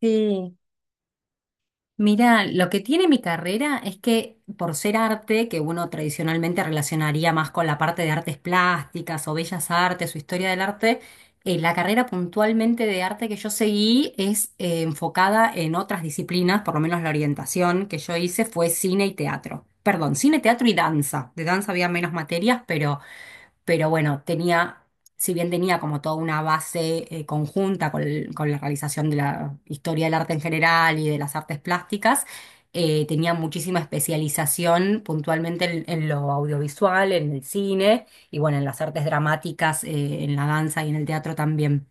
Sí, mira, lo que tiene mi carrera es que por ser arte, que uno tradicionalmente relacionaría más con la parte de artes plásticas o bellas artes o historia del arte. La carrera puntualmente de arte que yo seguí es enfocada en otras disciplinas, por lo menos la orientación que yo hice fue cine y teatro. Perdón, cine, teatro y danza. De danza había menos materias, pero pero bueno, tenía, si bien tenía como toda una base conjunta con con la realización de la historia del arte en general y de las artes plásticas. Tenía muchísima especialización puntualmente en lo audiovisual, en el cine y bueno, en las artes dramáticas, en la danza y en el teatro también.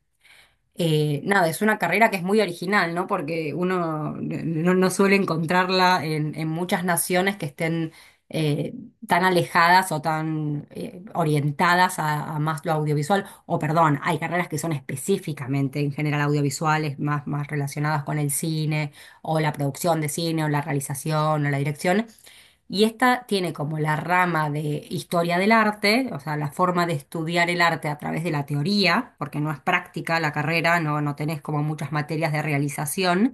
Nada, es una carrera que es muy original, ¿no? Porque uno no suele encontrarla en muchas naciones que estén eh, tan alejadas o tan orientadas a más lo audiovisual. O perdón, hay carreras que son específicamente en general audiovisuales, más, más relacionadas con el cine o la producción de cine o la realización o la dirección. Y esta tiene como la rama de historia del arte, o sea, la forma de estudiar el arte a través de la teoría, porque no es práctica la carrera, no tenés como muchas materias de realización,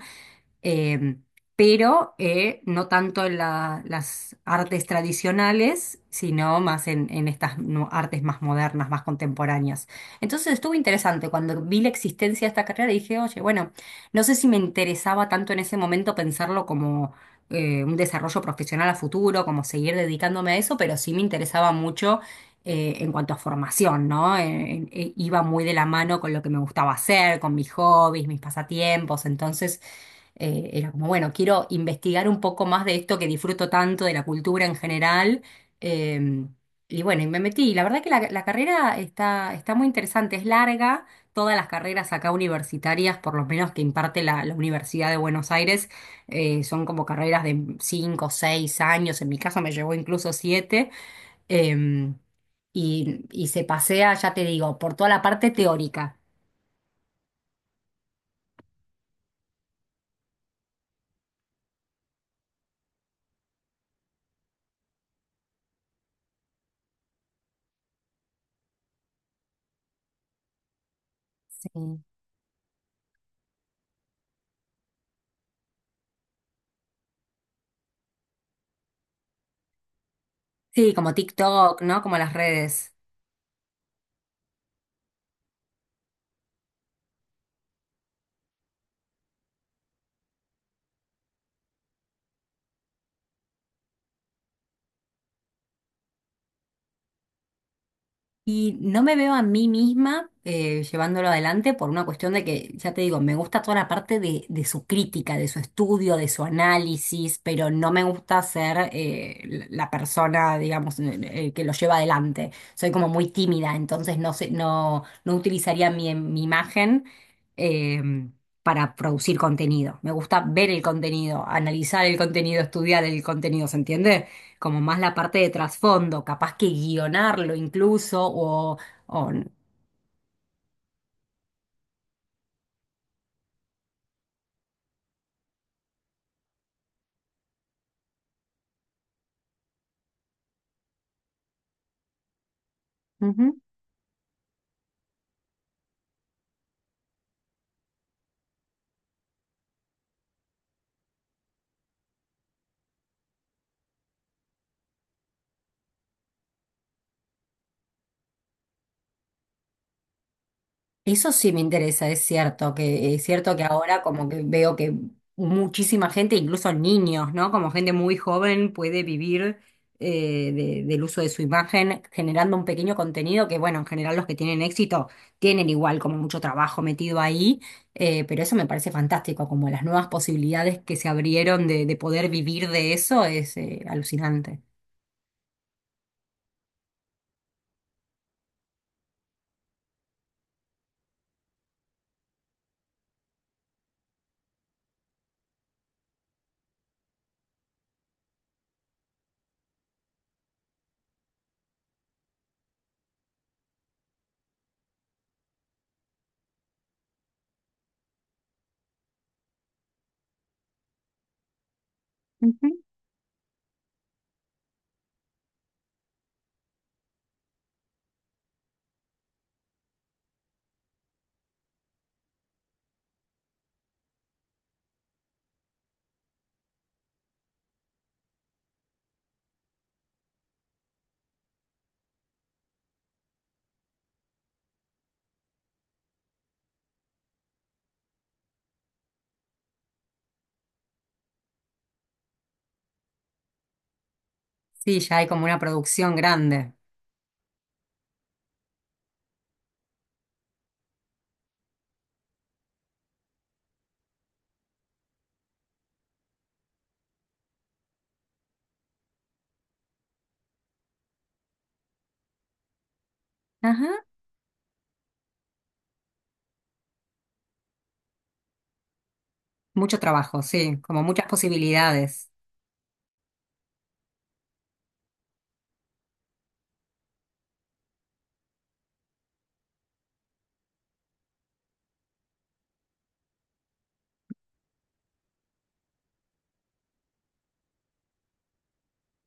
eh, pero no tanto en las artes tradicionales, sino más en estas artes más modernas, más contemporáneas. Entonces estuvo interesante. Cuando vi la existencia de esta carrera dije, oye, bueno, no sé si me interesaba tanto en ese momento pensarlo como un desarrollo profesional a futuro, como seguir dedicándome a eso, pero sí me interesaba mucho en cuanto a formación, ¿no? Iba muy de la mano con lo que me gustaba hacer, con mis hobbies, mis pasatiempos. Entonces era como, bueno, quiero investigar un poco más de esto que disfruto tanto, de la cultura en general. eh, y bueno, y me metí. La verdad que la carrera está, está muy interesante, es larga. Todas las carreras acá universitarias, por lo menos que imparte la Universidad de Buenos Aires, son como carreras de 5 o 6 años. En mi caso me llevó incluso 7. em, y, se pasea, ya te digo, por toda la parte teórica. Sí. Sí, como TikTok, ¿no? Como las redes. Y no me veo a mí misma llevándolo adelante por una cuestión de que, ya te digo, me gusta toda la parte de su crítica, de su estudio, de su análisis, pero no me gusta ser la persona, digamos, que lo lleva adelante. Soy como muy tímida, entonces no sé, no utilizaría mi imagen eh, para producir contenido. Me gusta ver el contenido, analizar el contenido, estudiar el contenido, ¿se entiende? Como más la parte de trasfondo, capaz que guionarlo incluso, o- Ujú. Eso sí me interesa, es cierto que ahora como que veo que muchísima gente, incluso niños, ¿no? Como gente muy joven puede vivir del uso de su imagen generando un pequeño contenido que, bueno, en general los que tienen éxito tienen igual como mucho trabajo metido ahí. Pero eso me parece fantástico, como las nuevas posibilidades que se abrieron de poder vivir de eso es alucinante. Sí, ya hay como una producción grande. Ajá. Mucho trabajo, sí, como muchas posibilidades.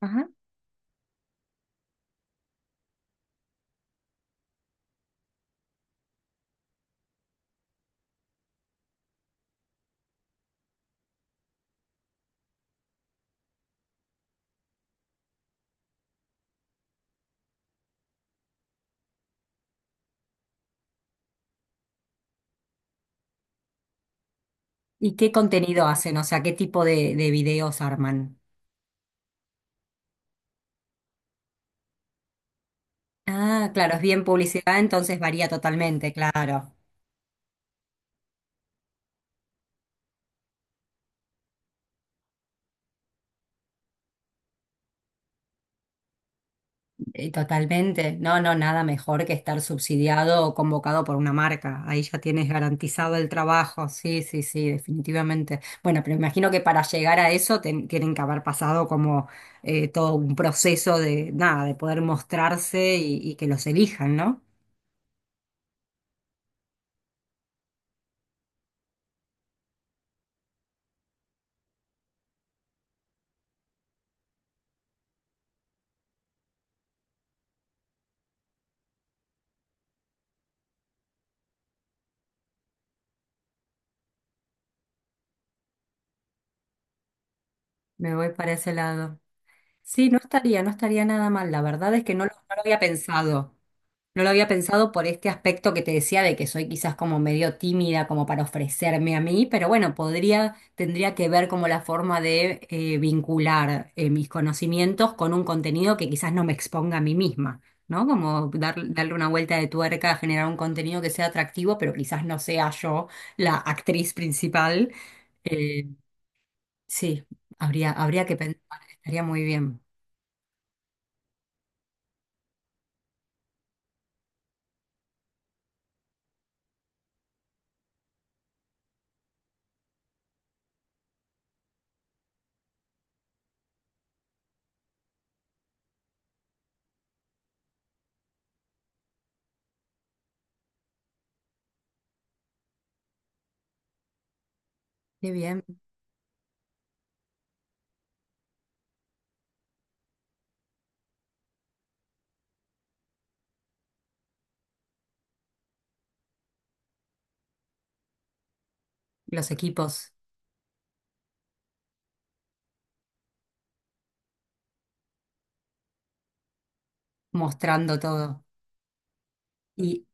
Ajá. ¿Y qué contenido hacen? O sea, ¿qué tipo de videos arman? Ah, claro, es bien publicidad, entonces varía totalmente, claro. Y totalmente. No, no, nada mejor que estar subsidiado o convocado por una marca. Ahí ya tienes garantizado el trabajo. Sí, sí, sí, definitivamente. Bueno, pero imagino que para llegar a eso tienen que haber pasado como todo un proceso de nada, de poder mostrarse y que los elijan, ¿no? Me voy para ese lado. Sí, no estaría, no estaría nada mal. La verdad es que no lo había pensado. No lo había pensado por este aspecto que te decía de que soy quizás como medio tímida como para ofrecerme a mí, pero bueno, podría, tendría que ver como la forma de vincular mis conocimientos con un contenido que quizás no me exponga a mí misma, ¿no? Como darle una vuelta de tuerca, generar un contenido que sea atractivo, pero quizás no sea yo la actriz principal. Eh, sí, habría que pensar, estaría muy bien. Qué bien, los equipos mostrando todo. y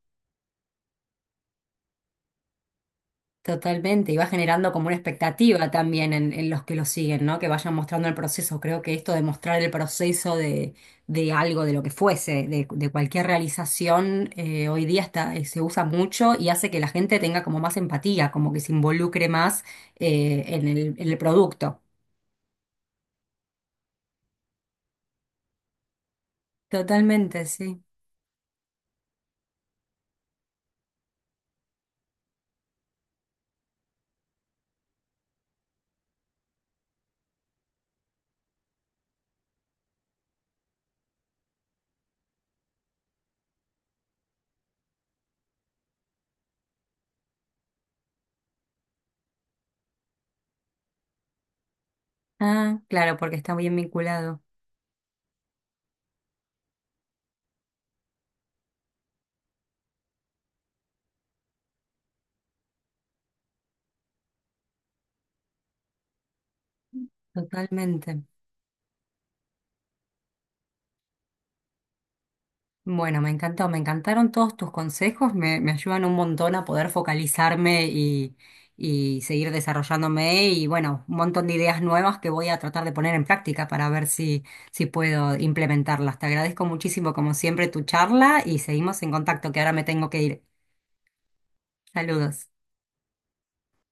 Totalmente, y va generando como una expectativa también en los que lo siguen, ¿no? Que vayan mostrando el proceso. Creo que esto de mostrar el proceso de algo, de lo que fuese, de cualquier realización, hoy día está, se usa mucho y hace que la gente tenga como más empatía, como que se involucre más en el producto. Totalmente, sí. Ah, claro, porque está bien vinculado. Totalmente. Bueno, me encantó, me encantaron todos tus consejos, me ayudan un montón a poder focalizarme y seguir desarrollándome y bueno, un montón de ideas nuevas que voy a tratar de poner en práctica para ver si puedo implementarlas. Te agradezco muchísimo, como siempre, tu charla y seguimos en contacto, que ahora me tengo que ir. Saludos.